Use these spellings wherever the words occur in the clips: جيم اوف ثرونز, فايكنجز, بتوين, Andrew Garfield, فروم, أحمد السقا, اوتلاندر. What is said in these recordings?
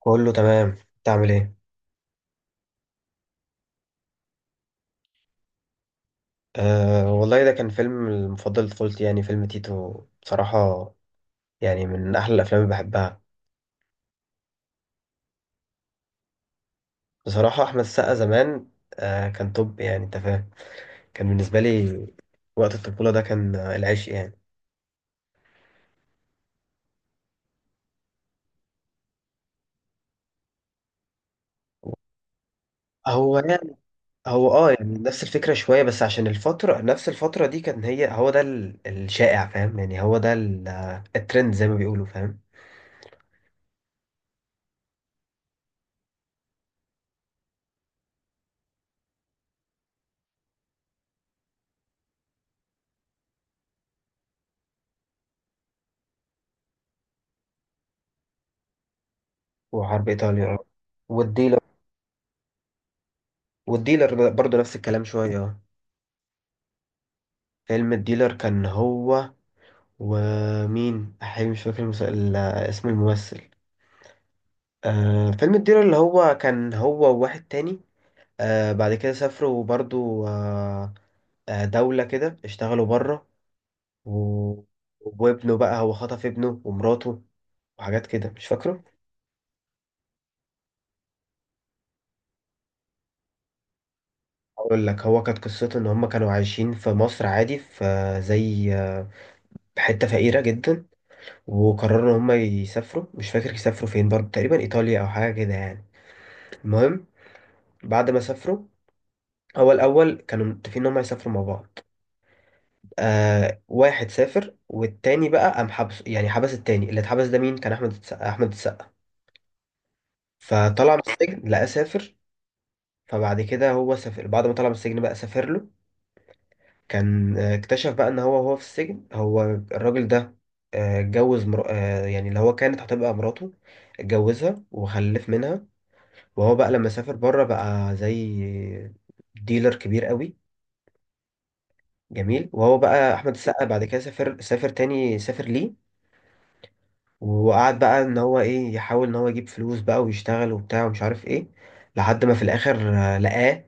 كله تمام. انت عامل ايه؟ آه، والله ده كان فيلم المفضل لطفولتي، يعني فيلم تيتو بصراحة. يعني من أحلى الأفلام اللي بحبها. بصراحة أحمد السقا زمان، كان توب، يعني أنت فاهم. كان بالنسبة لي وقت الطفولة ده كان العشق يعني. هو يعني. هو يعني نفس الفكرة شوية، بس عشان الفترة نفس الفترة دي كان هي هو ده الشائع، فاهم؟ يعني هو ده الترند زي ما بيقولوا، فاهم. وحرب إيطاليا والديلر والديلر برضه نفس الكلام شوية. فيلم الديلر كان هو، ومين أحيي مش فاكر اسم الممثل. فيلم الديلر اللي هو كان هو وواحد تاني. بعد كده سافروا برضو. دولة كده اشتغلوا بره. و... وابنه بقى هو خطف ابنه ومراته وحاجات كده مش فاكره. أقول لك هو كانت قصته إن هما كانوا عايشين في مصر عادي، في زي حتة فقيرة جدا، وقرروا إن هما يسافروا. مش فاكر يسافروا فين، برضو تقريبا إيطاليا أو حاجة كده يعني. المهم، بعد ما سافروا، هو الأول كانوا متفقين إن هم يسافروا مع بعض. واحد سافر والتاني بقى قام حبس، يعني حبس. التاني اللي اتحبس ده مين كان؟ أحمد السقا. أحمد السقا فطلع من السجن لقى سافر. فبعد كده هو سافر، بعد ما طلع من السجن بقى سافر له. كان اكتشف بقى إن هو في السجن هو الراجل ده اتجوز مر... آه، يعني اللي هو كانت هتبقى مراته، اتجوزها وخلف منها. وهو بقى لما سافر بره بقى زي ديلر كبير قوي جميل. وهو بقى احمد السقا بعد كده سافر سافر تاني، سافر ليه. وقعد بقى ان هو ايه، يحاول ان هو يجيب فلوس بقى ويشتغل وبتاع ومش عارف ايه. لحد ما في الاخر لقاه،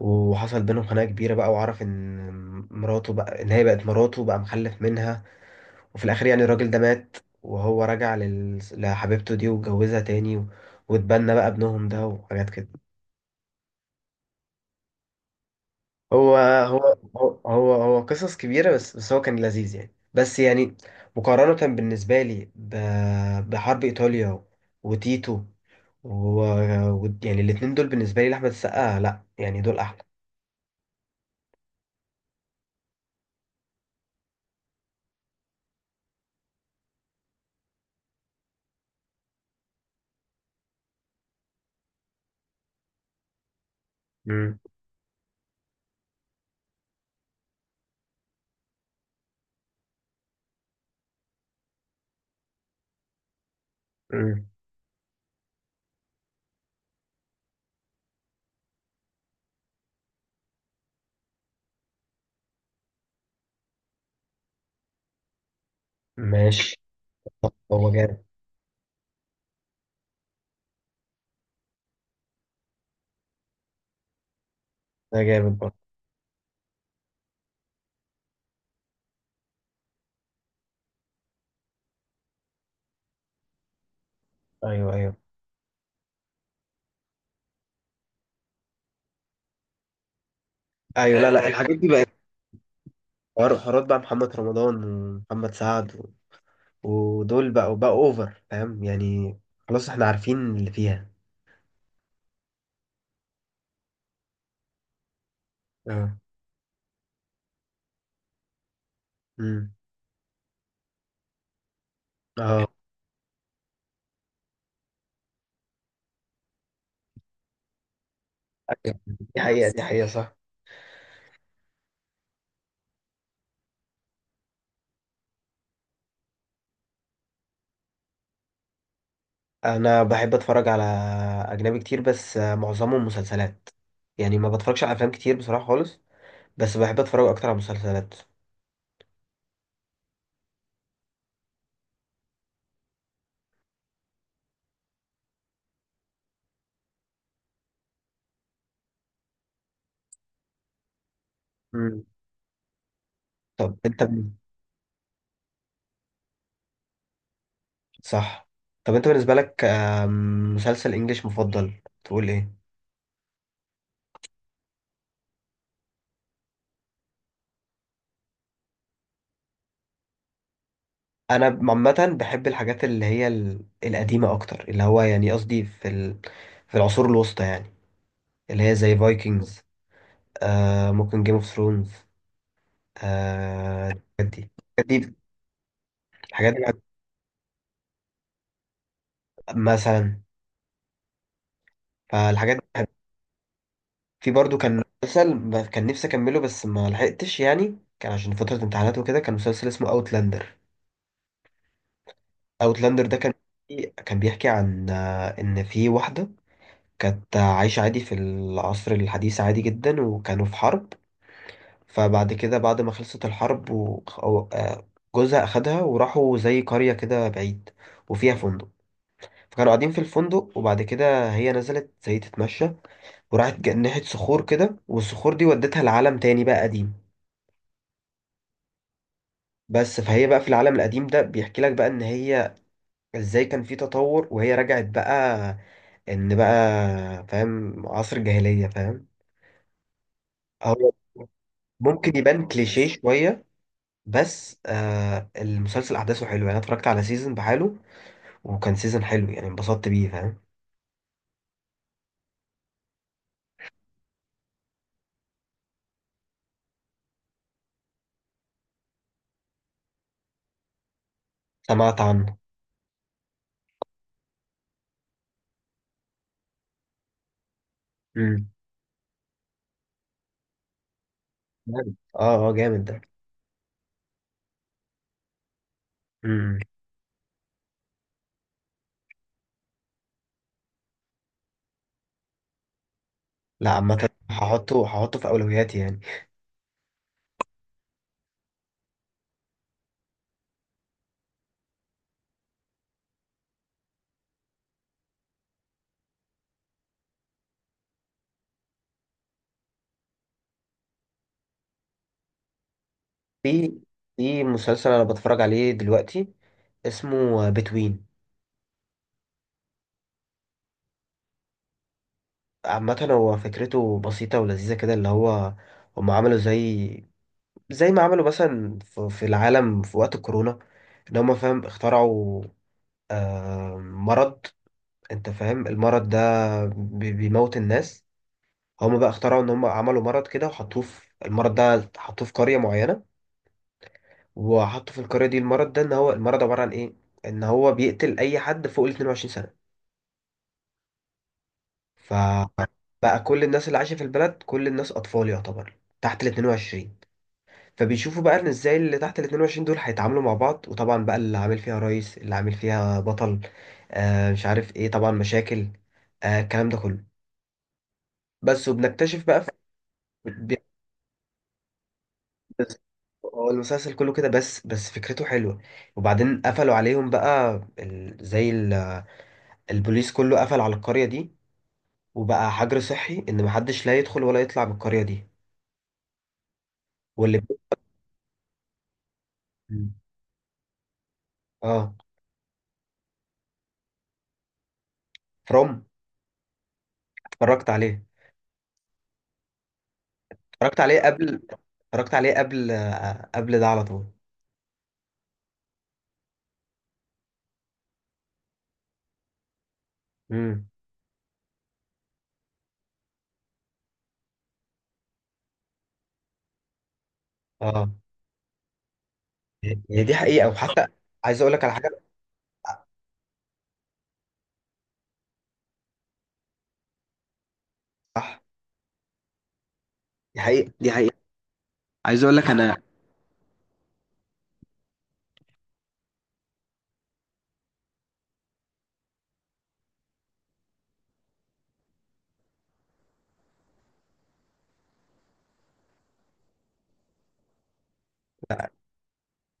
وحصل بينهم خناقه كبيره بقى، وعرف ان مراته بقى، ان هي بقت مراته بقى مخلف منها. وفي الاخر يعني الراجل ده مات، وهو رجع لحبيبته دي واتجوزها تاني واتبنى بقى ابنهم ده وحاجات كده. هو قصص كبيرة، بس هو كان لذيذ يعني، بس يعني، مقارنة بالنسبة لي بحرب إيطاليا وتيتو و يعني الاتنين دول بالنسبة لي لأحمد السقا، لأ، يعني دول أحلى. مم. مم. ماشي. طب هو جامد؟ ده جامد برضه. أيوه أيوه. أيوه، لأ لأ، الحاجات دي بقت حوارات، بقى محمد رمضان ومحمد سعد ودول بقوا أوفر، فاهم يعني. خلاص إحنا عارفين اللي فيها. اه. مم. اه. دي حقيقة، دي حقيقة، صح. أنا بحب أتفرج على أجنبي كتير، بس معظمهم مسلسلات. يعني ما بتفرجش على أفلام كتير بصراحة خالص، بس بحب أتفرج أكتر على مسلسلات. مم. طب أنت صح. طب أنت بالنسبة لك مسلسل إنجليش مفضل تقول إيه؟ أنا عامة بحب الحاجات اللي هي القديمة أكتر، اللي هو يعني قصدي في العصور الوسطى يعني، اللي هي زي فايكنجز، ممكن جيم اوف ثرونز، الحاجات دي. الحاجات دي. الحاجات دي مثلا. فالحاجات دي، في برضو كان مسلسل كان نفسي اكمله بس ما لحقتش، يعني كان عشان فترة امتحانات وكده، كان مسلسل اسمه اوتلاندر. اوتلاندر ده كان بيحكي عن ان في واحدة كانت عايشة عادي في العصر الحديث، عادي جدا، وكانوا في حرب. فبعد كده بعد ما خلصت الحرب جوزها اخدها وراحوا زي قرية كده بعيد، وفيها فندق. فكانوا قاعدين في الفندق، وبعد كده هي نزلت زي تتمشى، وراحت ناحية صخور كده، والصخور دي ودتها لعالم تاني بقى قديم. بس فهي بقى في العالم القديم ده بيحكي لك بقى ان هي ازاي كان في تطور، وهي رجعت بقى ان بقى، فاهم، عصر الجاهلية، فاهم. هو ممكن يبان كليشيه شوية، بس المسلسل احداثه حلوه يعني، أنا اتفرجت على سيزون بحاله، وكان سيزون حلو يعني، انبسطت بيه فاهم. سمعت عنه. امم. جامد، اه، اه، جامد ده. امم. لا عامة هحطه، في اولوياتي يعني. في في مسلسل انا بتفرج عليه دلوقتي، اسمه بتوين. عامة هو فكرته بسيطة ولذيذة كده، اللي هو هم عملوا زي، ما عملوا مثلا في العالم في وقت الكورونا، ان هم فاهم اخترعوا مرض. انت فاهم المرض ده، بيموت الناس. هم بقى اخترعوا ان هم عملوا مرض كده وحطوه، في المرض ده حطوه في قرية معينة، وحطوا في القرية دي المرض ده، ان هو المرض عبارة عن ايه، ان هو بيقتل اي حد فوق ال 22 سنة. فبقى كل الناس اللي عايشة في البلد، كل الناس أطفال يعتبر تحت ال 22. فبيشوفوا بقى إن إزاي اللي تحت ال 22 دول هيتعاملوا مع بعض، وطبعا بقى اللي عامل فيها رئيس، اللي عامل فيها بطل، مش عارف إيه، طبعا مشاكل، الكلام ده كله. بس وبنكتشف بقى في بي- بس- هو المسلسل كله كده، بس فكرته حلوة. وبعدين قفلوا عليهم بقى البوليس كله قفل على القرية دي، وبقى حجر صحي إن محدش لا يدخل ولا يطلع من القرية دي، واللي. اه. فروم. اتفرجت عليه. اتفرجت عليه قبل. اتفرجت عليه قبل، قبل ده على طول. امم. اه. هي دي حقيقة، وحتى عايز اقول لك على حاجة. صح. دي حقيقة، دي حقيقة. عايز اقول لك انا.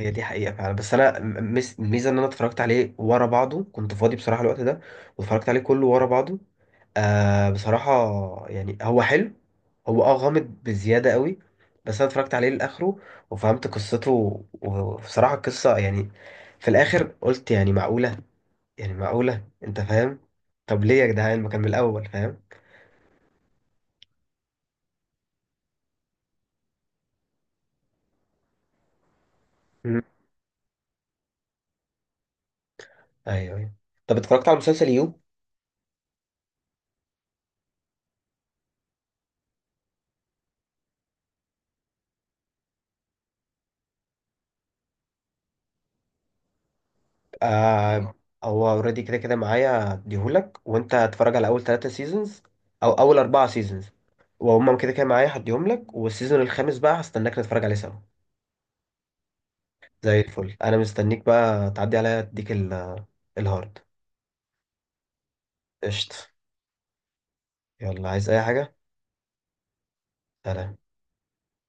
هي دي حقيقة فعلا، بس أنا الميزة إن أنا اتفرجت عليه ورا بعضه، كنت فاضي بصراحة الوقت ده، واتفرجت عليه كله ورا بعضه. بصراحة، يعني هو حلو، هو غامض بزيادة قوي، بس أنا اتفرجت عليه لآخره وفهمت قصته وبصراحة القصة يعني في الآخر قلت، يعني معقولة، يعني معقولة أنت فاهم؟ طب ليه يا جدعان ما كان من الأول، فاهم. مم. أيوه أيوه. طب اتفرجت على مسلسل يو؟ آه. هو اوريدي كده كده معايا، هديهولك وانت هتتفرج على اول 3 سيزونز، او اول 4 سيزونز، وهم كده كده معايا هديهم لك، والسيزون الخامس بقى هستناك نتفرج عليه سوا. زي الفل. انا مستنيك بقى تعدي عليا اديك الهارد. قشطة. يلا، عايز اي حاجة؟ سلام.